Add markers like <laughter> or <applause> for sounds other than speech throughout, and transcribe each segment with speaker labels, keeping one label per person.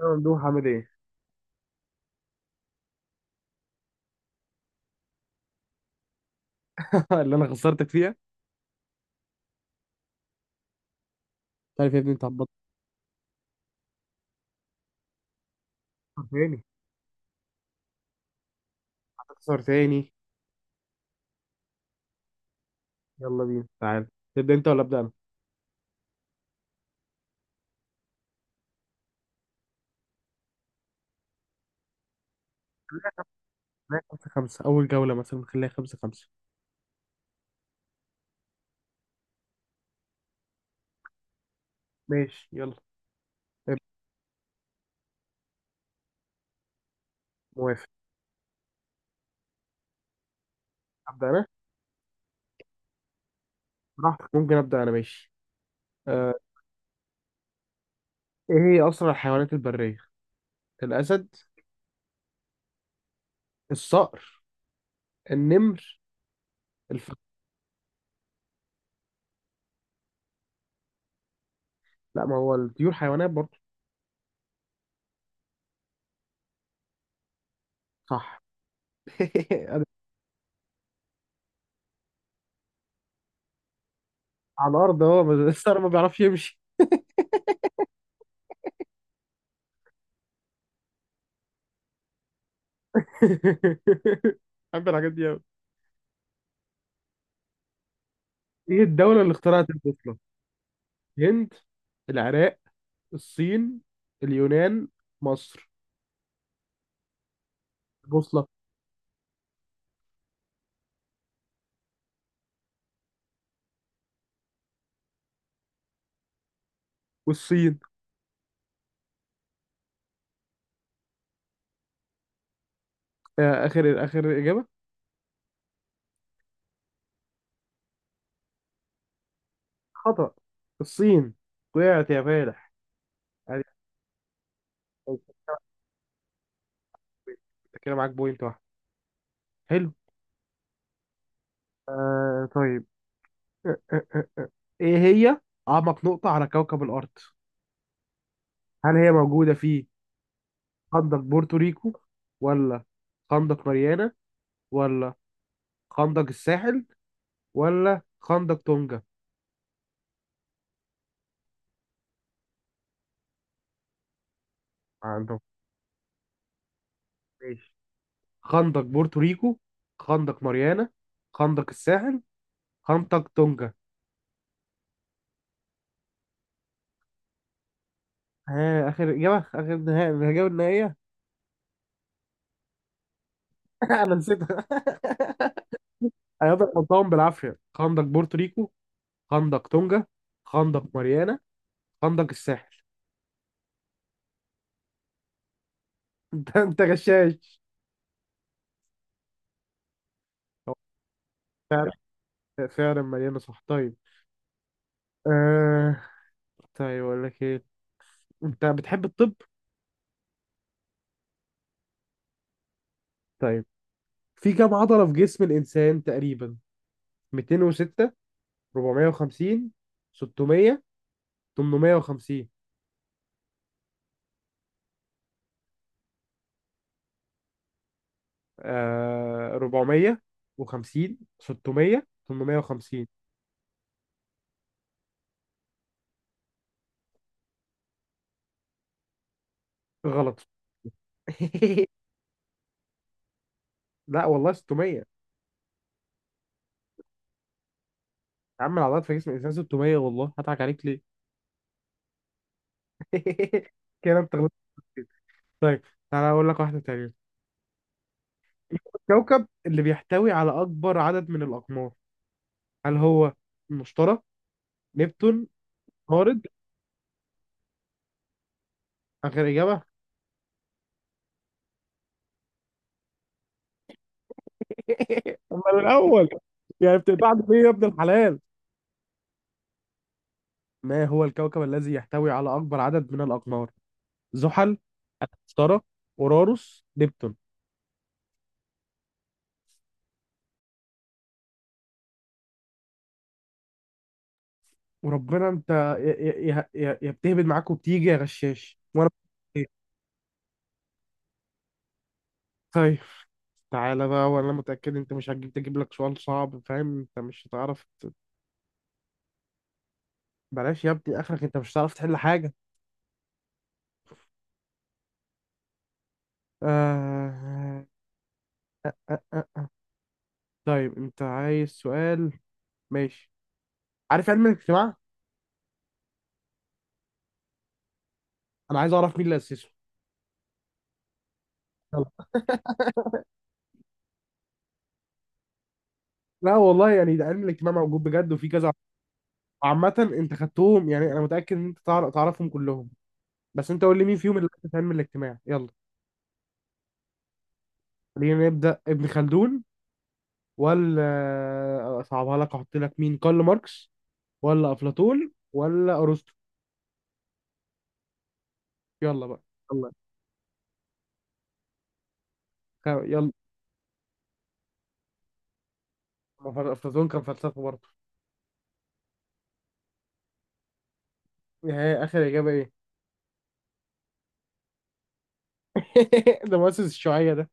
Speaker 1: يا ممدوح عامل ايه؟ <laughs> اللي انا خسرتك فيها. مش عارف يا ابني، انت هتبطل تاني؟ هتخسر تاني. يلا بينا تعال. تبدأ انت ولا أبدأ أنا؟ لا، خمسة خمسة أول جولة، مثلا خليها خمسة خمسة. ماشي يلا ابدأ. موافق. أبدأ أنا؟ براحتك، ممكن أبدأ أنا، ماشي. آه. إيه هي أسرع الحيوانات البرية؟ الأسد، الصقر، النمر، الفهد. لا، ما هو الطيور حيوانات برضه. صح. <laughs> أنا؟ على الأرض، هو بس الصقر ما بيعرفش يمشي. <laughs> بحب الحاجات دي أوي. إيه الدولة اللي اخترعت البوصلة؟ الهند، العراق، الصين، اليونان، مصر. البوصلة. والصين. آخر آخر إجابة. خطأ. الصين. وقعت يا فالح. يعني كده معاك بوينت واحد. حلو. آه طيب. آه آه آه. إيه هي أعمق نقطة على كوكب الأرض؟ هل هي موجودة في خندق بورتوريكو، ولا خندق ماريانا، ولا خندق الساحل، ولا خندق تونجا؟ عندهم. ماشي. خندق بورتوريكو، خندق ماريانا، خندق الساحل، خندق تونجا. ها، اخر اجابه، اخر نهائي الاجابه النهائيه. <laughs> انا نسيتها. انا قلتهم بالعافيه. خندق بورتوريكو، خندق تونجا، خندق ماريانا، خندق الساحل. <laughs> انت غشاش. هو فعلا، فعلا مليانه صح طيب. آه... طيب اقول لك ايه. انت بتحب الطب؟ طيب، في كم عضله في جسم الانسان تقريبا؟ 206، 450، 600، 850. آه، 450، 600، 850. غلط. <laughs> لا والله 600 يا عم. العضلات في جسم الانسان 600، والله هضحك عليك ليه؟ <laughs> كده انت غلطت. طيب، تعالى اقول لك واحده تانية. إيه هو الكوكب اللي بيحتوي على اكبر عدد من الاقمار؟ هل هو المشتري، نبتون، عطارد؟ اخر اجابه. <laughs> امال الاول؟ يعني بتقطعني ليه يا ابن الحلال؟ ما هو الكوكب الذي يحتوي على اكبر عدد من الاقمار؟ زحل، اشترى، اوراروس، نبتون. وربنا انت، يا بتهبد معاك وبتيجي يا غشاش وانا. طيب، تعالى بقى، وانا متأكد انت مش هتجيب، تجيب لك سؤال صعب، فاهم؟ انت مش بلاش يا ابني اخرك، انت مش هتعرف تحل حاجة. آه... آه... آه... آه. طيب انت عايز سؤال؟ ماشي. عارف علم الاجتماع؟ انا عايز اعرف مين اللي اسسه. يلا. <laughs> لا والله، يعني ده علم الاجتماع موجود بجد وفي كذا عامة. انت خدتهم، يعني انا متأكد ان انت تعرفهم كلهم، بس انت قول لي مين فيهم اللي في علم الاجتماع. يلا. خلينا نبدأ. ابن خلدون، ولا اصعبها لك احط لك مين، كارل ماركس، ولا افلاطون، ولا ارسطو؟ يلا بقى. يلا. يلا. ما فر- افلاطون كان فلسفة برضه. ايه اخر اجابة؟ ايه؟ <laughs> ده مؤسس الشيوعية ده.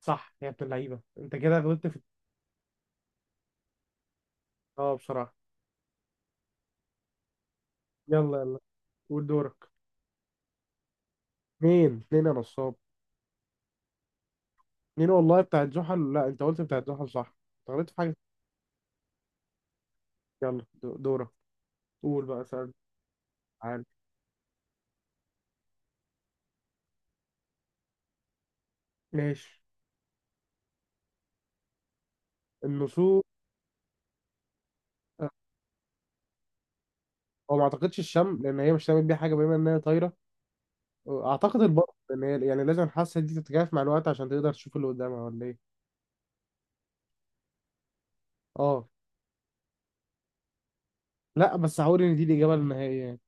Speaker 1: صح يا ابن اللعيبة، انت كده غلطت في. اه بصراحة. يلا يلا. قول دورك. مين اتنين يا نصاب؟ اتنين والله، بتاعت زحل، لا انت قلت بتاعت زحل صح، انت غلطت في حاجة. يلا دورك. قول بقى سأل. عادي. ماشي. النسور. آه، هو ما اعتقدش الشم، لان هي مش هتعمل بيها حاجه بما انها طايره. آه، اعتقد البط، لان هي يعني لازم الحاسه دي تتكيف مع الوقت عشان تقدر تشوف اللي قدامها، ولا ايه؟ اه. لا بس هقول ان دي الاجابه النهائيه يعني.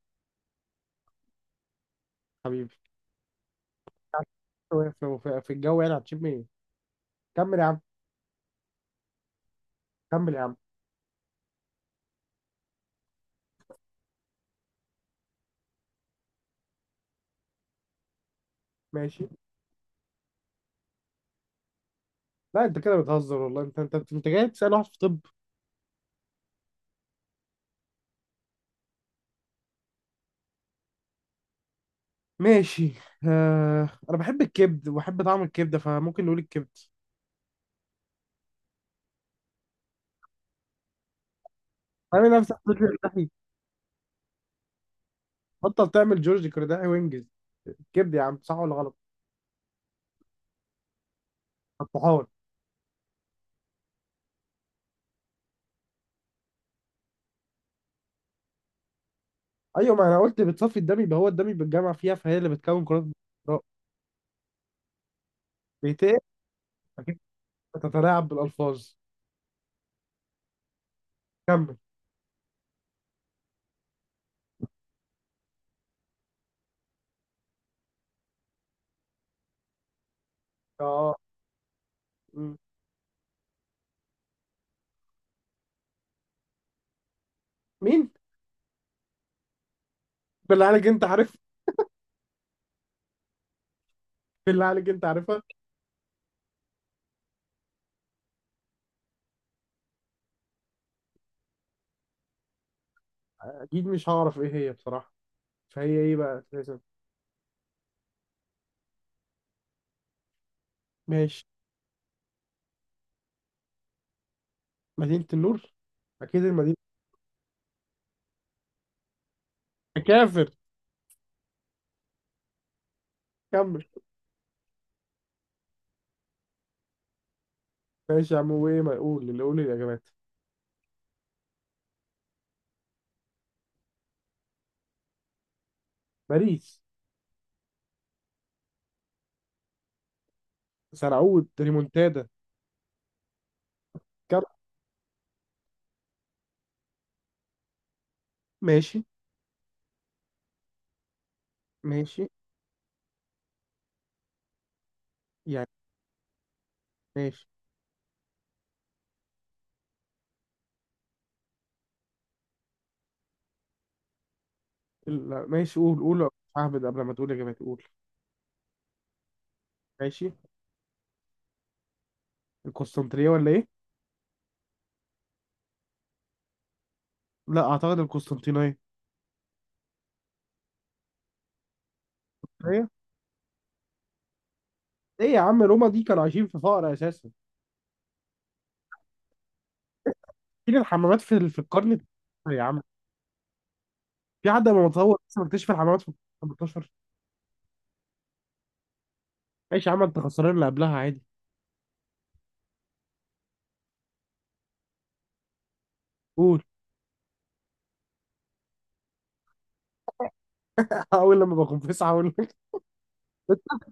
Speaker 1: حبيبي. <laughs> في في الجو يعني هتشم ايه؟ كمل يا عم. كمل يا عم. ماشي. لا، انت كده بتهزر والله، انت جاي تسال واحد في طب. ماشي. انا بحب الكبد وبحب طعم الكبده، فممكن نقول الكبد. عامل نفسك بتقول لي. بطل تعمل جورج كرداحي وينجز. الكبد يا عم، صح ولا غلط؟ الطحال. ايوه، ما انا قلت بتصفي الدم، يبقى هو الدم بيتجمع فيها، فهي اللي بتكون كرات البيضاء. بيتقل. أكيد. بتتلاعب بالالفاظ. كمل. اه. م. مين؟ بالله عليك انت عارف. بالله عليك انت عارفها. اكيد مش هعرف ايه هي بصراحه. فهي ايه بقى اساسا؟ ماشي. مدينه النور، اكيد المدينه. كافر. كمل. ماشي يا عم، وايه؟ ما اقول اللي، قول الاجابات. باريس. سنعود ريمونتادا. كم؟ ماشي. ماشي. يعني ماشي. لا، ماشي، قول قول. اهبد قبل ما تقول اجابتي. قول. ماشي. القسطنطينيه ولا ايه؟ لا اعتقد القسطنطينيه. ايه؟ ايه يا عم، روما دي كانوا عايشين في فقر اساسا. فين الحمامات؟ في القرن التاسع يا عم، في حد لما متصور لسه مكتشف الحمامات في القرن 18. ماشي يا عم، انت خسران اللي قبلها عادي. قول. <laughs> اول لما بكون في تسعه اقول لك ست.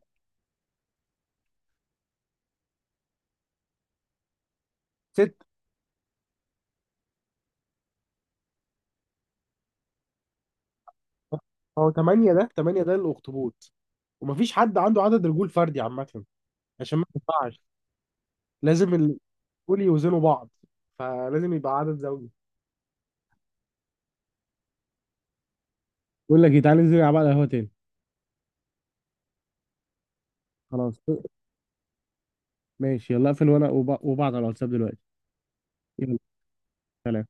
Speaker 1: ست. هو ثمانية ده، ثمانية ده الأخطبوط. ومفيش حد عنده عدد رجول فردي عامة، عشان ما ينفعش، لازم دول يوزنوا بعض، فلازم يبقى عدد زوجي. بقول لك إيه، تعالى ننزل نلعب على القهوة تاني. خلاص. ماشي يلا اقفل، وانا وبعض على الواتساب دلوقتي. يلا. سلام.